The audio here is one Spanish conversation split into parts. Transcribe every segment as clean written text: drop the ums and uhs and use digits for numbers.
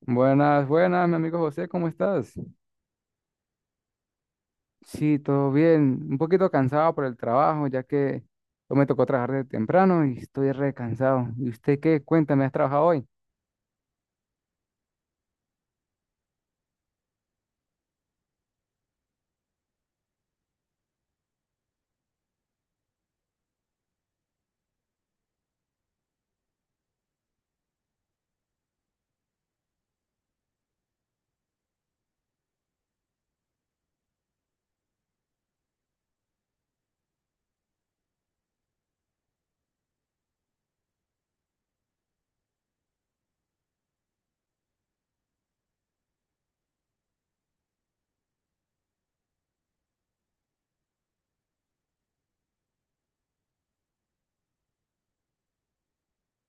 Buenas, buenas, mi amigo José, ¿cómo estás? Sí, todo bien. Un poquito cansado por el trabajo, ya que hoy me tocó trabajar de temprano y estoy recansado. ¿Y usted qué? Cuéntame, ¿has trabajado hoy?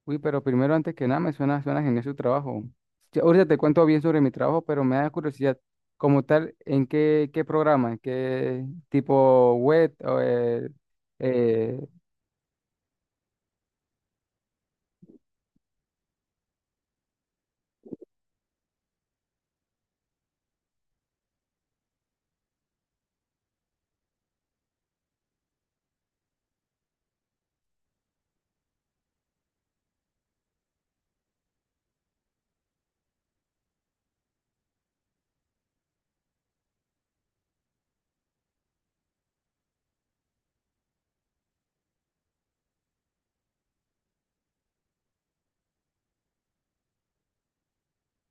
Uy, pero primero, antes que nada, me suena, suena genial su trabajo. Ya, ahorita te cuento bien sobre mi trabajo, pero me da curiosidad, como tal, ¿en qué, qué programa? ¿En qué tipo web? O, eh,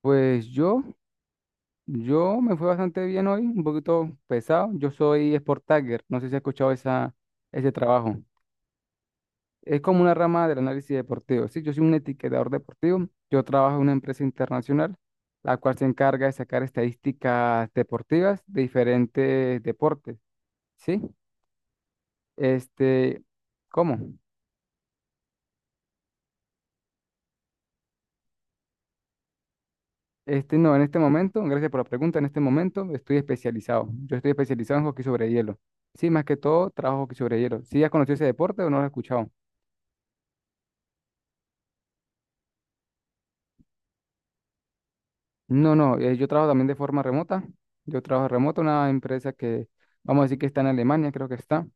pues yo. Yo me fue bastante bien hoy, un poquito pesado. Yo soy Sport Tagger, no sé si has escuchado esa, ese trabajo. Es como una rama del análisis deportivo. Sí, yo soy un etiquetador deportivo. Yo trabajo en una empresa internacional, la cual se encarga de sacar estadísticas deportivas de diferentes deportes. Sí, este, ¿cómo? No, en este momento, gracias por la pregunta, en este momento estoy especializado. Yo estoy especializado en hockey sobre hielo. Sí, más que todo, trabajo hockey sobre hielo. ¿Sí has conocido ese deporte o no lo has escuchado? No, no, yo trabajo también de forma remota. Yo trabajo remoto, una empresa que vamos a decir que está en Alemania, creo que está.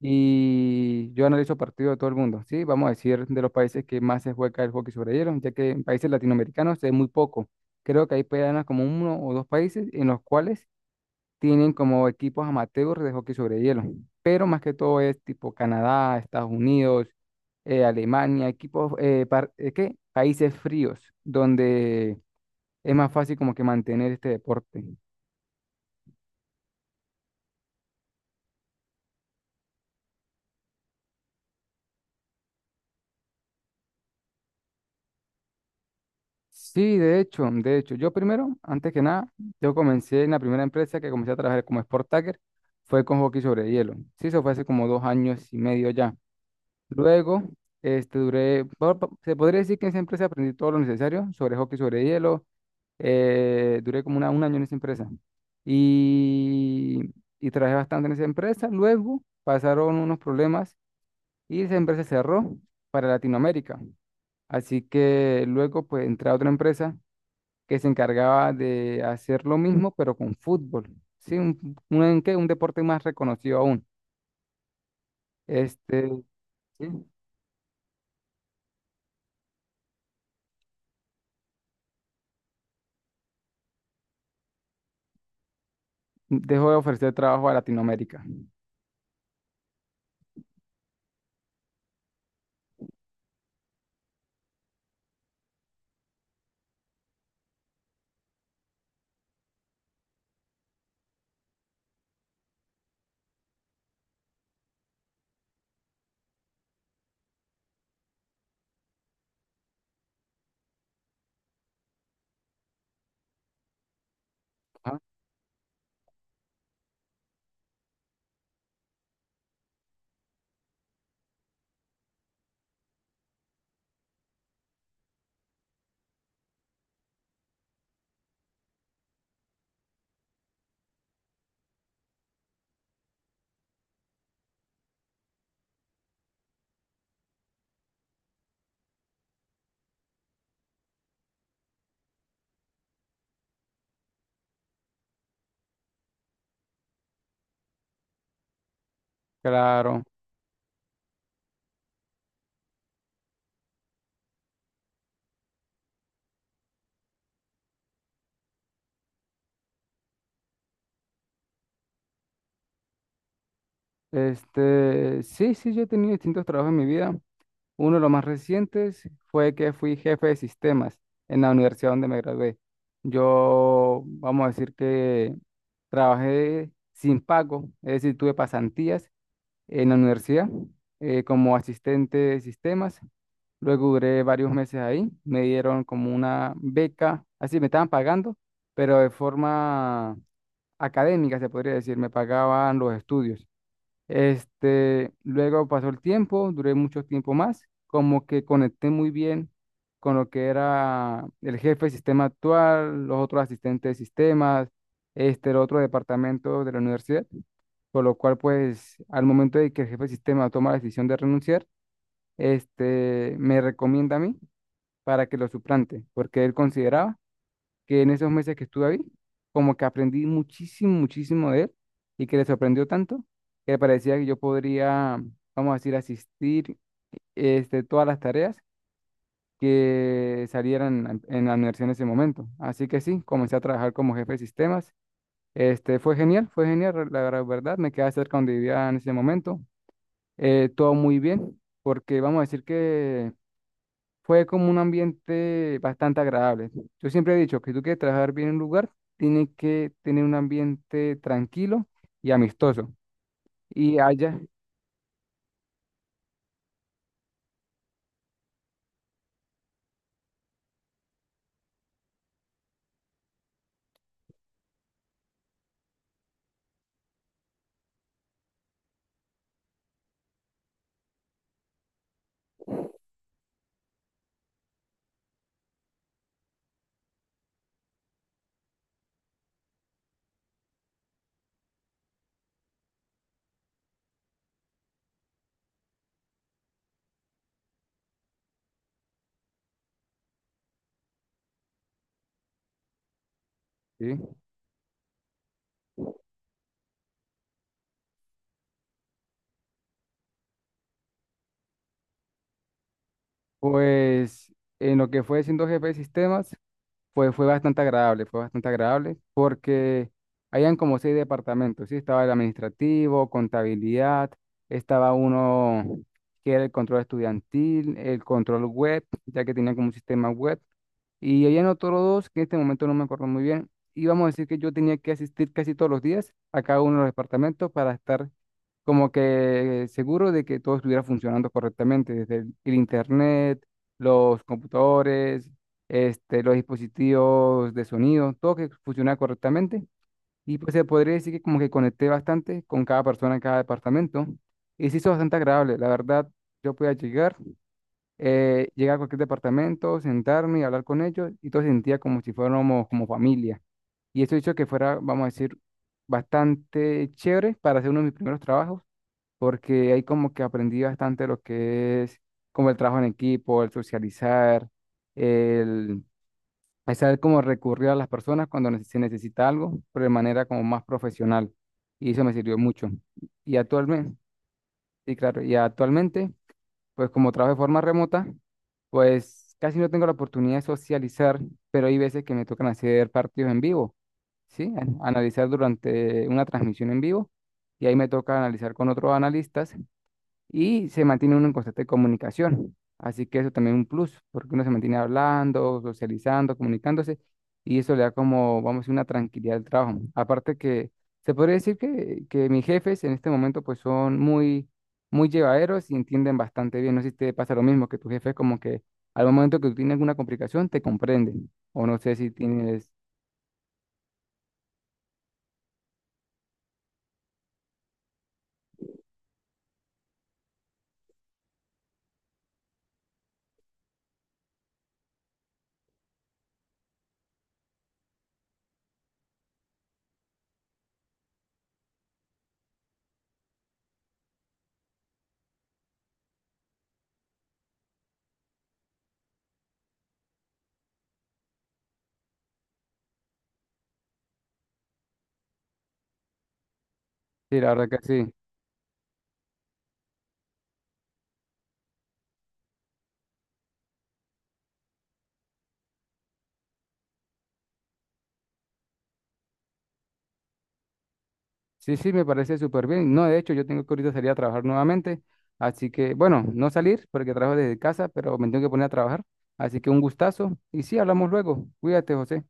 Y yo analizo partidos de todo el mundo, ¿sí? Vamos a decir de los países que más se juega el hockey sobre hielo, ya que en países latinoamericanos es muy poco. Creo que hay apenas como uno o dos países en los cuales tienen como equipos amateurs de hockey sobre hielo. Pero más que todo es tipo Canadá, Estados Unidos, Alemania, equipos, ¿qué? Países fríos, donde es más fácil como que mantener este deporte. Sí, de hecho, yo primero, antes que nada, yo comencé en la primera empresa que comencé a trabajar como Sport Tagger, fue con hockey sobre hielo. Sí, eso fue hace como 2 años y medio ya. Luego, se podría decir que en esa empresa aprendí todo lo necesario sobre hockey sobre hielo. Duré como 1 año en esa empresa y, y trabajé bastante en esa empresa. Luego pasaron unos problemas y esa empresa cerró para Latinoamérica. Así que luego pues entré a otra empresa que se encargaba de hacer lo mismo, pero con fútbol. Sí, ¿qué? Un deporte más reconocido aún. Este, sí, dejó de ofrecer trabajo a Latinoamérica. Ajá. Claro. Sí, sí, yo he tenido distintos trabajos en mi vida. Uno de los más recientes fue que fui jefe de sistemas en la universidad donde me gradué. Yo, vamos a decir que trabajé sin pago, es decir, tuve pasantías en la universidad como asistente de sistemas. Luego duré varios meses ahí, me dieron como una beca, así me estaban pagando, pero de forma académica, se podría decir, me pagaban los estudios. Luego pasó el tiempo, duré mucho tiempo más, como que conecté muy bien con lo que era el jefe de sistema actual, los otros asistentes de sistemas, el otro departamento de la universidad, por lo cual pues al momento de que el jefe de sistema toma la decisión de renunciar, me recomienda a mí para que lo suplante, porque él consideraba que en esos meses que estuve ahí, como que aprendí muchísimo, muchísimo de él y que le sorprendió tanto que le parecía que yo podría, vamos a decir, asistir todas las tareas que salieran en la universidad en ese momento. Así que sí, comencé a trabajar como jefe de sistemas. Fue genial, verdad, me quedaba cerca donde vivía en ese momento. Todo muy bien, porque vamos a decir que fue como un ambiente bastante agradable. Yo siempre he dicho que tú quieres trabajar bien en un lugar, tienes que tener un ambiente tranquilo y amistoso. Y allá, ¿sí? Pues en lo que fue siendo jefe de sistemas, fue, fue bastante agradable porque habían como 6 departamentos, ¿sí? Estaba el administrativo, contabilidad, estaba uno que era el control estudiantil, el control web, ya que tenía como un sistema web, y habían otros dos que en este momento no me acuerdo muy bien. Y vamos a decir que yo tenía que asistir casi todos los días a cada uno de los departamentos para estar como que seguro de que todo estuviera funcionando correctamente, desde el internet, los computadores, los dispositivos de sonido, todo que funcionara correctamente. Y pues se podría decir que como que conecté bastante con cada persona en cada departamento. Y se hizo bastante agradable, la verdad. Yo podía llegar, llegar a cualquier departamento, sentarme y hablar con ellos, y todo se sentía como si fuéramos como familia. Y eso hizo que fuera, vamos a decir, bastante chévere para hacer uno de mis primeros trabajos porque ahí como que aprendí bastante lo que es como el trabajo en equipo, el socializar, el, el saber cómo recurrir a las personas cuando se necesita algo, pero de manera como más profesional. Y eso me sirvió mucho. Y actualmente, sí, claro, y actualmente, pues como trabajo de forma remota, pues casi no tengo la oportunidad de socializar, pero hay veces que me tocan hacer partidos en vivo, ¿sí? Analizar durante una transmisión en vivo y ahí me toca analizar con otros analistas y se mantiene uno en constante comunicación. Así que eso también es un plus, porque uno se mantiene hablando, socializando, comunicándose, y eso le da como, vamos a decir, una tranquilidad al trabajo. Aparte que se podría decir que mis jefes en este momento pues son muy, muy llevaderos y entienden bastante bien. No sé si te pasa lo mismo, que tu jefe es como que al momento que tú tienes alguna complicación te comprende, o no sé si tienes, sí, la verdad que sí. Sí, sí, me parece súper bien. No, de hecho, yo tengo que ahorita salir a trabajar nuevamente. Así que, bueno, no salir porque trabajo desde casa, pero me tengo que poner a trabajar. Así que un gustazo. Y sí, hablamos luego. Cuídate, José.